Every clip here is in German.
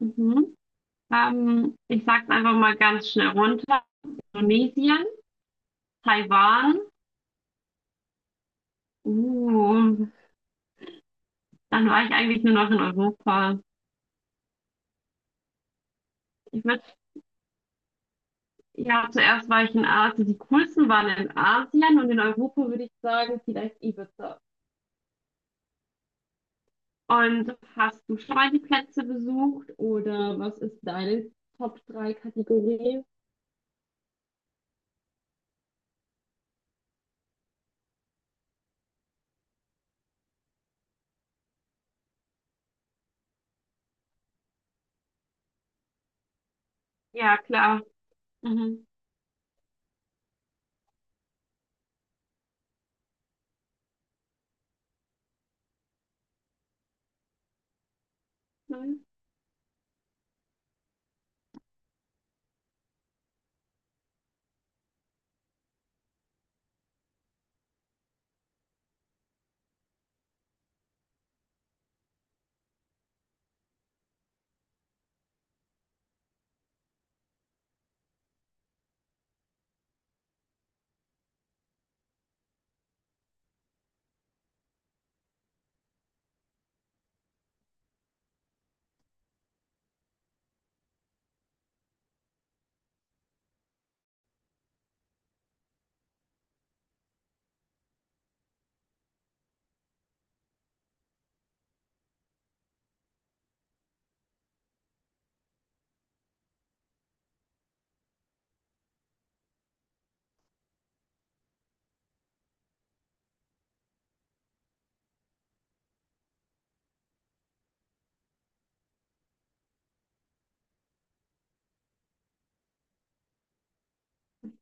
Mhm. Ich sag's einfach mal ganz schnell runter. Indonesien, Taiwan. Uh, Dann war ich eigentlich nur noch in Europa. Ich würde, ja, zuerst war ich in Asien. Die coolsten waren in Asien und in Europa würde ich sagen, vielleicht Ibiza. Und hast du schon mal die Plätze besucht oder was ist deine Top drei Kategorie? Ja, klar. Mhm. Nein.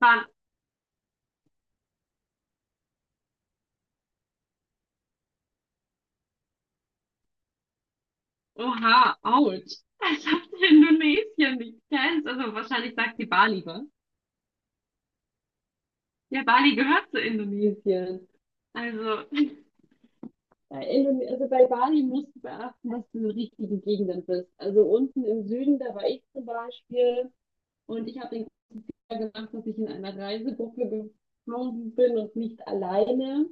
Dann, oha, ouch. Ich habe Indonesien nicht kennst. Also wahrscheinlich sagt die Bali lieber. Ja, Bali gehört zu Indonesien. Also, Bei Indone also bei Bali musst du beachten, dass du in den richtigen Gegenden bist. Also unten im Süden, da war ich zum Beispiel und ich habe den Fehler gemacht, dass ich in einer Reisegruppe geflogen bin und nicht alleine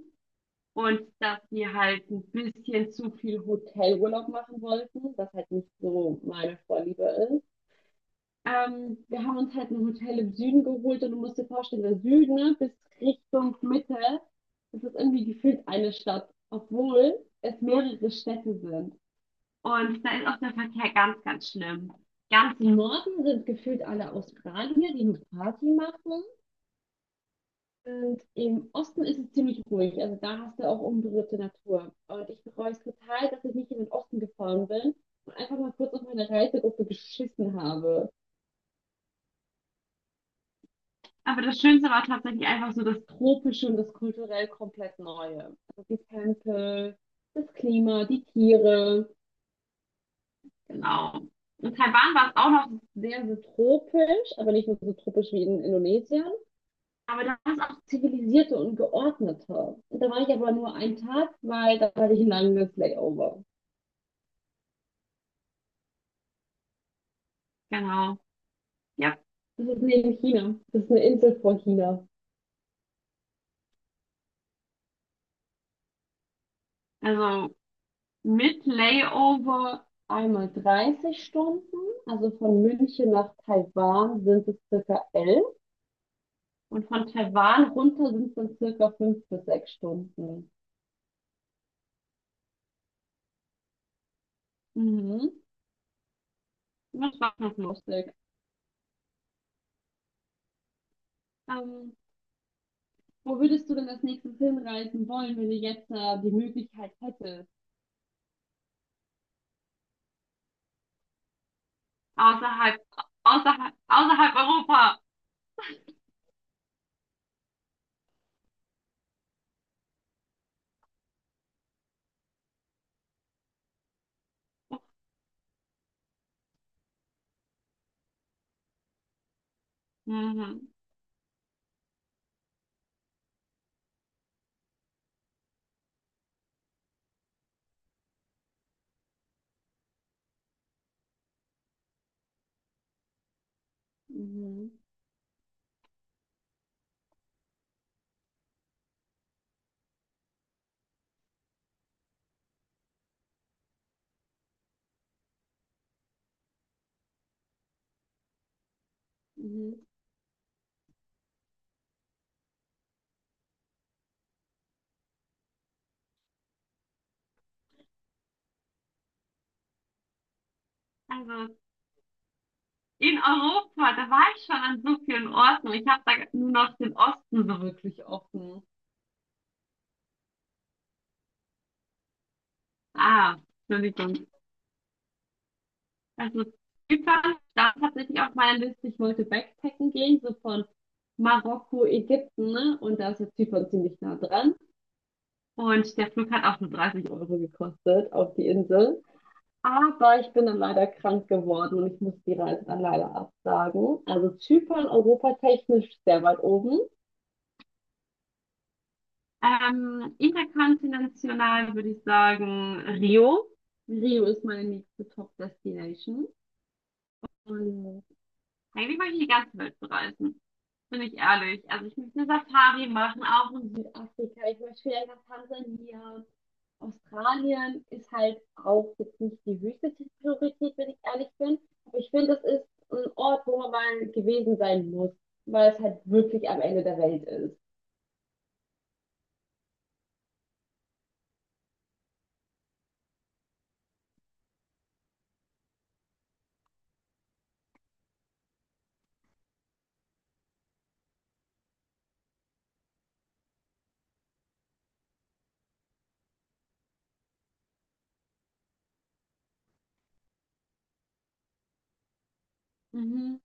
und dass wir halt ein bisschen zu viel Hotelurlaub machen wollten, was halt nicht so meine Vorliebe ist. Wir haben uns halt ein Hotel im Süden geholt und du musst dir vorstellen, der Süden ne, bis Richtung Mitte, das ist irgendwie gefühlt eine Stadt, obwohl es mehrere Städte sind. Und da ist auch der Verkehr ganz, ganz schlimm. Ganz im Norden sind gefühlt alle Australier, die eine Party machen. Und im Osten ist es ziemlich ruhig. Also da hast du auch unberührte Natur. Und ich bereue es total, dass ich nicht in den Osten gefahren bin und einfach mal kurz auf meine Reisegruppe geschissen habe. Aber das Schönste war tatsächlich einfach so das Tropische und das kulturell komplett Neue. Also die Tempel, das Klima, die Tiere. Genau. In Taiwan war es auch noch sehr, sehr tropisch, aber nicht nur so tropisch wie in Indonesien. Aber da war es auch zivilisierter und geordneter. Und da war ich aber nur einen Tag, weil da hatte ich ein langes Layover. Genau. Ja. Das ist neben China. Das ist eine Insel vor China. Also mit Layover einmal 30 Stunden, also von München nach Taiwan sind es circa 11, und von Taiwan runter sind es dann circa 5 bis 6 Stunden. Mhm. Das war noch lustig. Ähm, Wo würdest du denn als nächstes hinreisen wollen, wenn du jetzt die Möglichkeit hättest? Außerhalb, außerhalb Europa. Mhm. Mhm. Also in Europa, da war ich schon an so vielen Orten. Ich habe da nur noch den Osten so wirklich offen. Ah, Entschuldigung. Also Zypern stand tatsächlich auf meiner Liste. Ich wollte Backpacken gehen, so von Marokko, Ägypten, ne? Und da ist ja Zypern ziemlich nah dran. Und der Flug hat auch nur 30 € gekostet auf die Insel. Aber ich bin dann leider krank geworden und ich muss die Reise dann leider absagen. Also Zypern europatechnisch sehr weit oben. Interkontinental würde ich sagen Rio. Rio ist meine nächste Top-Destination. Und eigentlich möchte ich die ganze Welt bereisen. Bin ich ehrlich. Also ich möchte eine Safari machen, auch in Südafrika. Ich möchte vielleicht nach Tansania. Australien ist halt auch jetzt nicht die höchste Priorität, wenn ich ehrlich bin. Aber ich finde, das ist ein Ort, wo man mal gewesen sein muss, weil es halt wirklich am Ende der Welt ist. Mhm.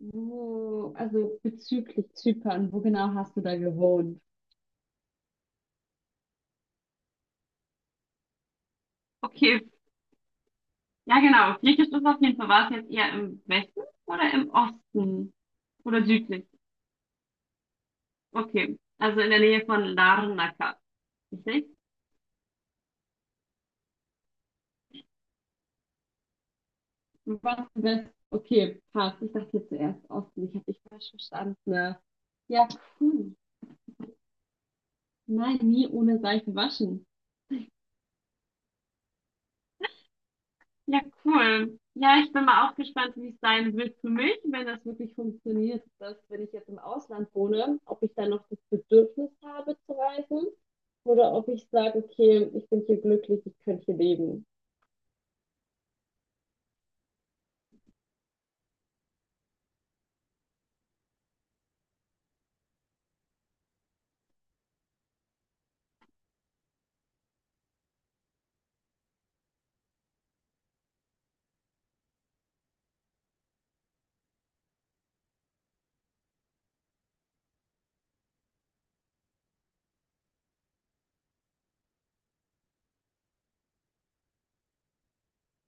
Also wo genau hast du da gewohnt? Okay, ja genau. Griechisch ist auf jeden Fall. War es jetzt eher im Westen oder im Osten? Oder südlich? Okay, also in der Nähe von Larnaca. Richtig? Was West? Okay, passt. Ich dachte jetzt zuerst Osten. Ich habe dich falsch verstanden. Ja, cool. Nein, nie ohne Seife waschen. Ja, cool. Ja, ich bin mal auch gespannt, wie es sein wird für mich, wenn das wirklich funktioniert, dass, wenn ich jetzt im Ausland wohne, ob ich dann noch das Bedürfnis habe zu reisen oder ob ich sage, okay, ich bin hier glücklich, ich könnte hier leben.